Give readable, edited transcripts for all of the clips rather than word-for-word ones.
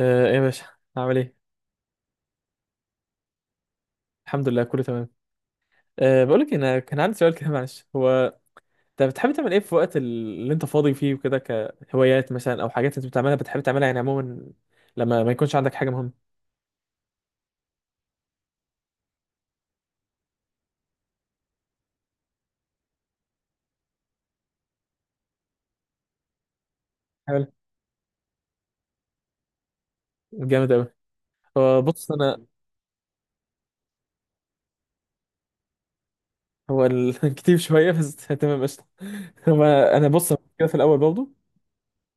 ايه يا باشا، عامل ايه؟ الحمد لله كله تمام. بقول لك انا كان عندي سؤال كده، معلش. هو انت بتحب تعمل ايه في وقت اللي انت فاضي فيه وكده؟ كهوايات مثلا او حاجات انت بتعملها بتحب تعملها يعني عموما، لما ما يكونش عندك حاجه مهمه. حلو. جامد قوي. هو بص انا، كتير شويه بس تمام قشطه. هو انا بص، كده في الاول برضه،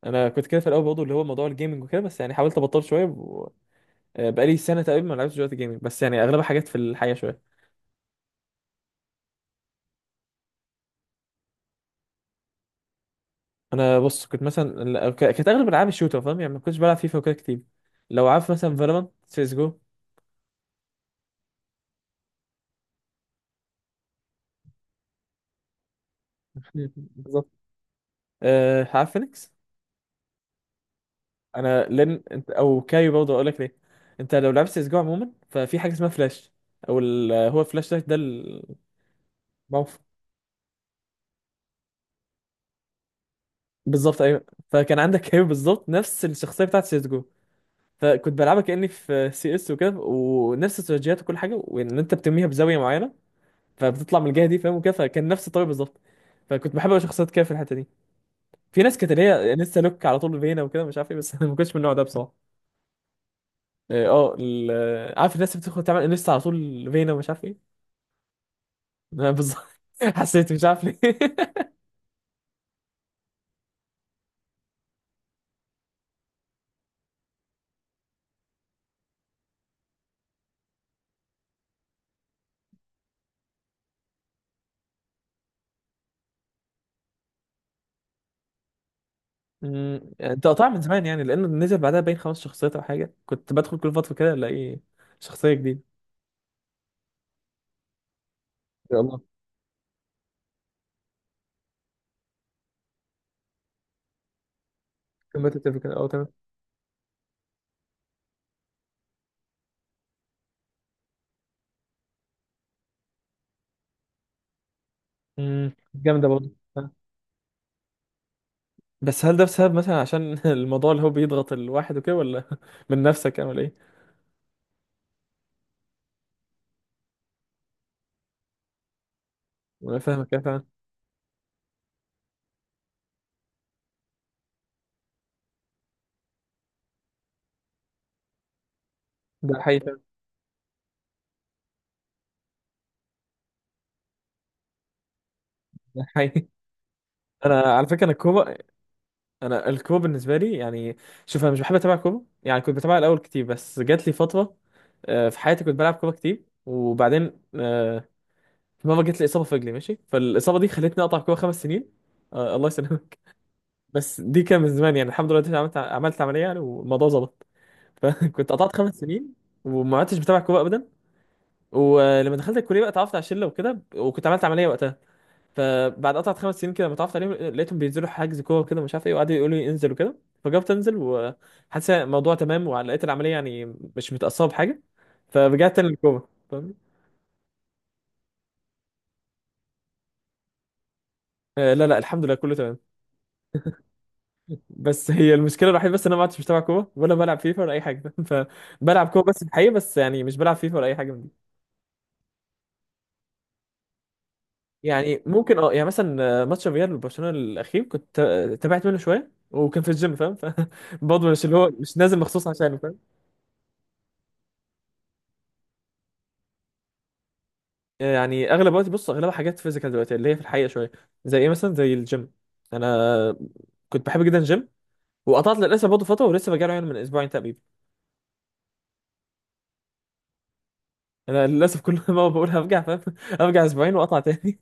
انا كنت كده في الاول برضه اللي هو موضوع الجيمنج وكده، بس يعني حاولت ابطل شويه و... بقالي سنه تقريبا ما لعبتش دلوقتي جيمنج، بس يعني اغلبها حاجات في الحياه شويه. انا بص كنت مثلا كانت اغلب العاب الشوتر فاهم، يعني ما كنتش بلعب فيفا وكده كتير. لو عارف مثلا فالورانت، سيس جو. بالظبط. عارف فينيكس؟ انا لن انت او كايو برضه، اقول لك ليه. انت لو لعبت سيس جو عموما، ففي حاجه اسمها فلاش، هو فلاش ده الموقف. بالظبط ايوه. فكان عندك كايو بالظبط نفس الشخصيه بتاعت سيس جو، فكنت بلعبها كاني في سي اس وكده، ونفس استراتيجيات وكل حاجه، وان انت بترميها بزاويه معينه فبتطلع من الجهه دي فاهم وكده، فكان نفس الطريقه بالظبط. فكنت بحب أوي شخصيات كده في الحته دي. في ناس كانت اللي هي لسه لوك على طول فينا وكده مش عارف ايه، بس انا ما كنتش من النوع ده بصراحه. اه عارف الناس اللي بتدخل تعمل لسه على طول فينا ومش عارف ايه. أنا بالظبط. حسيت مش عارف ليه انت قطعت من زمان يعني، لانه نزل بعدها باين 5 شخصيات او حاجه. كنت بدخل كل فتره كده الاقي شخصيه جديده. يا الله. كومبتيتيف كده، اه تمام. جامده برضه. آه. بس هل ده بسبب مثلا عشان الموضوع اللي هو بيضغط الواحد وكده، ولا من نفسك، او ولا ايه؟ انا فاهمك يا فاهم. ده حقيقي فعلاً. ده حقيقي. انا على فكره انا الكوبا، انا الكوره بالنسبه لي يعني، شوف انا مش بحب اتابع كوره. يعني كنت بتابع الاول كتير، بس جات لي فتره في حياتي كنت بلعب كوره كتير، وبعدين في مره جت لي اصابه في رجلي ماشي، فالاصابه دي خلتني اقطع كوره 5 سنين. الله يسلمك. بس دي كان من زمان، يعني الحمد لله دلوقتي عملت عمليه يعني والموضوع ظبط. فكنت قطعت 5 سنين وما عدتش بتابع كوره ابدا. ولما دخلت الكليه بقى اتعرفت على شله وكده، وكنت عملت عمليه وقتها، فبعد قطعة 5 سنين كده متعرفت عليهم، لقيتهم بينزلوا حجز كورة كده مش عارف ايه، وقعدوا يقولوا لي انزل وكده، فجربت انزل وحاسس الموضوع تمام، ولقيت العملية يعني مش متأثرة بحاجة، فرجعت تاني للكورة، فاهمني؟ آه لا لا، الحمد لله كله تمام. بس هي المشكلة الوحيدة بس، ان انا ما عدتش بتابع كورة ولا بلعب فيفا ولا اي حاجة فبلعب كورة بس في الحقيقة، بس يعني مش بلعب فيفا ولا اي حاجة من دي. يعني ممكن اه، يعني مثلا ماتش الريال وبرشلونة الأخير كنت تابعت منه شوية وكان في الجيم فاهم، فبرضه مش اللي هو مش نازل مخصوص عشانه. يعني اغلب وقتي بص اغلبها حاجات فيزيكال دلوقتي، اللي هي في الحقيقه شويه. زي ايه مثلا؟ زي الجيم. انا كنت بحب جدا الجيم وقطعت للاسف برضه فتره، ولسه برجع له يعني من اسبوعين تقريبا. انا للاسف كل ما بقول هرجع فاهم ارجع اسبوعين واقطع تاني.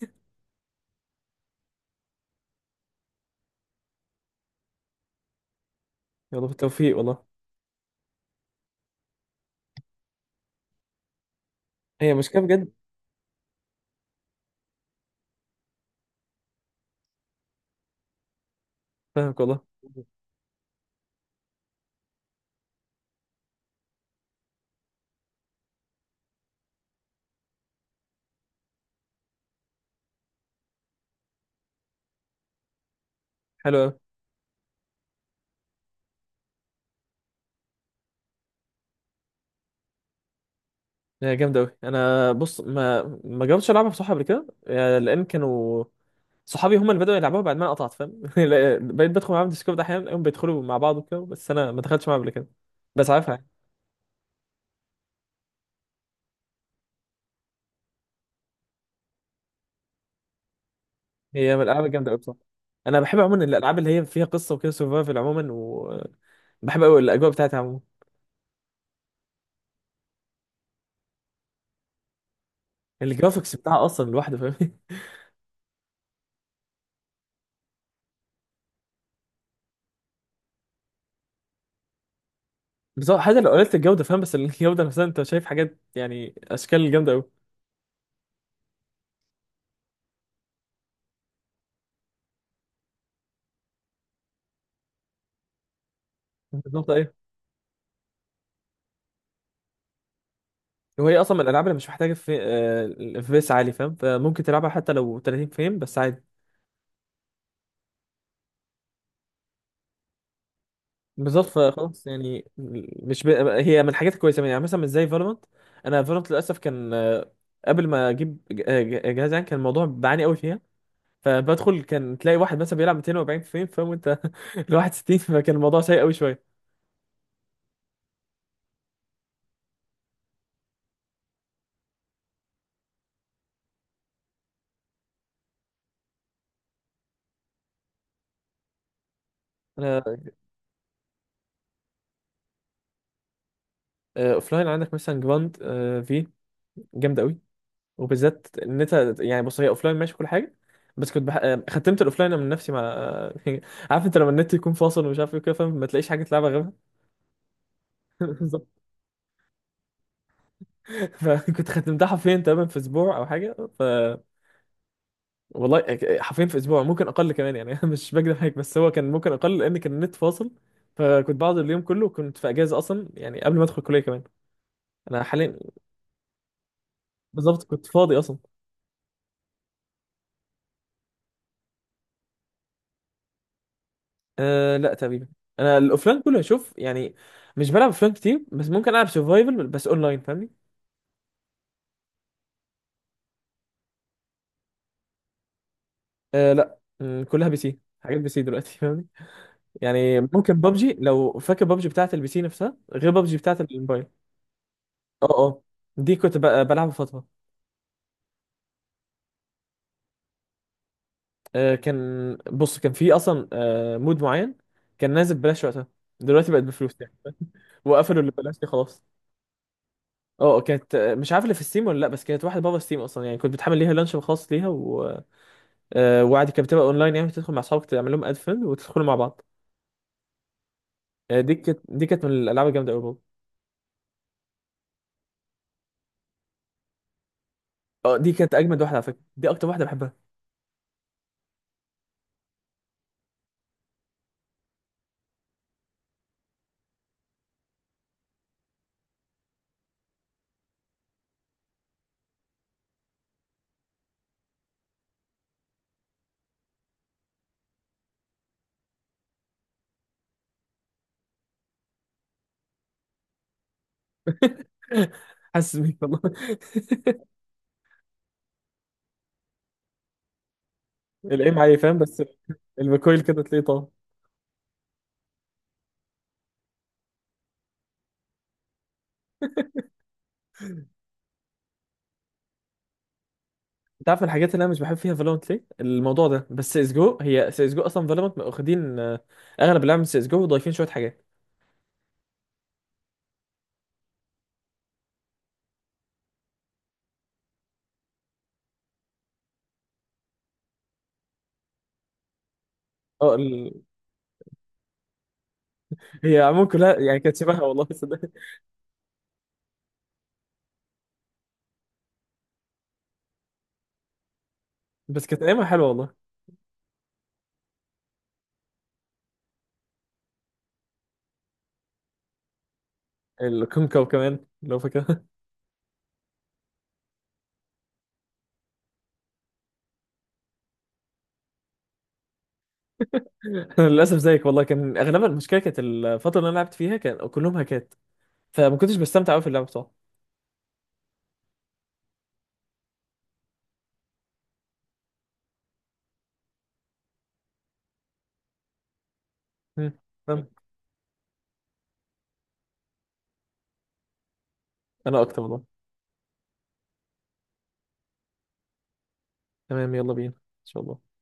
يلا بالتوفيق والله. هي مشكله بجد. فاهمك والله. حلو قوي. هي جامده قوي. انا بص ما جربتش العبها بصراحه قبل كده، يعني لان كانوا صحابي هم اللي بدأوا يلعبوها بعد ما انا قطعت فاهم لا، بقيت بدخل معاهم ديسكورد احيانا هم بيدخلوا مع بعض وكده، بس انا ما دخلتش معاهم قبل كده. بس عارفها. هي من الالعاب الجامده قوي بصراحه. انا بحب عموما الالعاب اللي هي فيها قصه وكده، سرفايفل عموما، وبحب قوي الاجواء بتاعتها عموما. الجرافيكس بتاعها اصلا لوحده فاهم. بس هو حاجه، لو قللت الجوده فاهم، بس الجوده نفسها انت شايف حاجات يعني اشكال جامده قوي. بالظبط ايوه. وهي اصلا من الالعاب اللي مش محتاجه في اف بي اس عالي فاهم، فممكن تلعبها حتى لو 30 فريم بس عادي. بالظبط فخلاص يعني. مش ب... هي من الحاجات الكويسه، يعني مثلا مش زي فالورانت. انا فالورانت للاسف كان قبل ما اجيب جهاز، يعني كان الموضوع بعاني قوي فيها. فبدخل كان تلاقي واحد مثلا بيلعب 240 فريم فاهم، وانت ال 61، فكان الموضوع سيء قوي شويه. انا اوف لاين عندك مثلا جراند في، جامده قوي. وبالذات ان انت، يعني بص هي اوف لاين ماشي كل حاجه، بس كنت بح... آه، ختمت الاوف لاين من نفسي مع عارف انت لما النت يكون فاصل ومش عارف ايه كده فاهم، ما تلاقيش حاجه تلعبها غيرها. بالظبط. فكنت ختمتها حرفيا تقريبا في اسبوع او حاجه ف... والله حرفيا في اسبوع، ممكن اقل كمان يعني انا مش بكدب عليك، بس هو كان ممكن اقل لان كان النت فاصل، فكنت بقعد اليوم كله. كنت في اجازه اصلا يعني قبل ما ادخل الكليه كمان. انا حاليا، بالظبط كنت فاضي اصلا. لا تقريبا، انا الاوفلاين كله هشوف يعني. مش بلعب اوفلاين كتير، بس ممكن العب سرفايفل بس اونلاين فاهمني. أه لا م، كلها بي سي، حاجات بي سي دلوقتي فاهمني. يعني ممكن ببجي، لو فاكر ببجي بتاعت البي سي نفسها غير ببجي بتاعت الموبايل. اه اه. دي كنت بلعبها فتره. كان بص كان في اصلا مود معين، كان نازل ببلاش وقتها، دلوقتي بقت بفلوس يعني، وقفلوا اللي ببلاش دي خلاص. اه كانت مش عارف اللي في ستيم ولا لا، بس كانت واحده بابا ستيم اصلا يعني، كنت بتحمل ليها لانش خاص ليها و... وعادي كانت بتبقى اونلاين يعني تدخل مع اصحابك، تعمل لهم اد فريند وتدخلوا مع بعض. دي كانت من الالعاب الجامده قوي برضه. اه دي كانت اجمد واحده على فكره، دي اكتر واحده بحبها. حاسس بيك والله الايم عليه فاهم، بس الميكويل كده تلاقيه طار. انت عارف الحاجات اللي انا مش بحب فيها فالورانت ليه الموضوع ده؟ بس سيس جو، هي سيس جو اصلا، فالورانت واخدين اغلب اللعب من سيس جو وضايفين شويه حاجات. اه ال... هي عموما كلها يعني كانت شبهها والله صدق. بس كانت ايامها حلوه والله. الكونكو كمان لو فاكرها. أنا للاسف زيك والله، كان اغلبها المشكله كانت الفتره اللي انا لعبت فيها كان كلهم هاكات، فما كنتش بستمتع قوي في اللعب بصراحه. مم. تمام. انا اكتر والله. تمام يلا بينا ان شاء الله.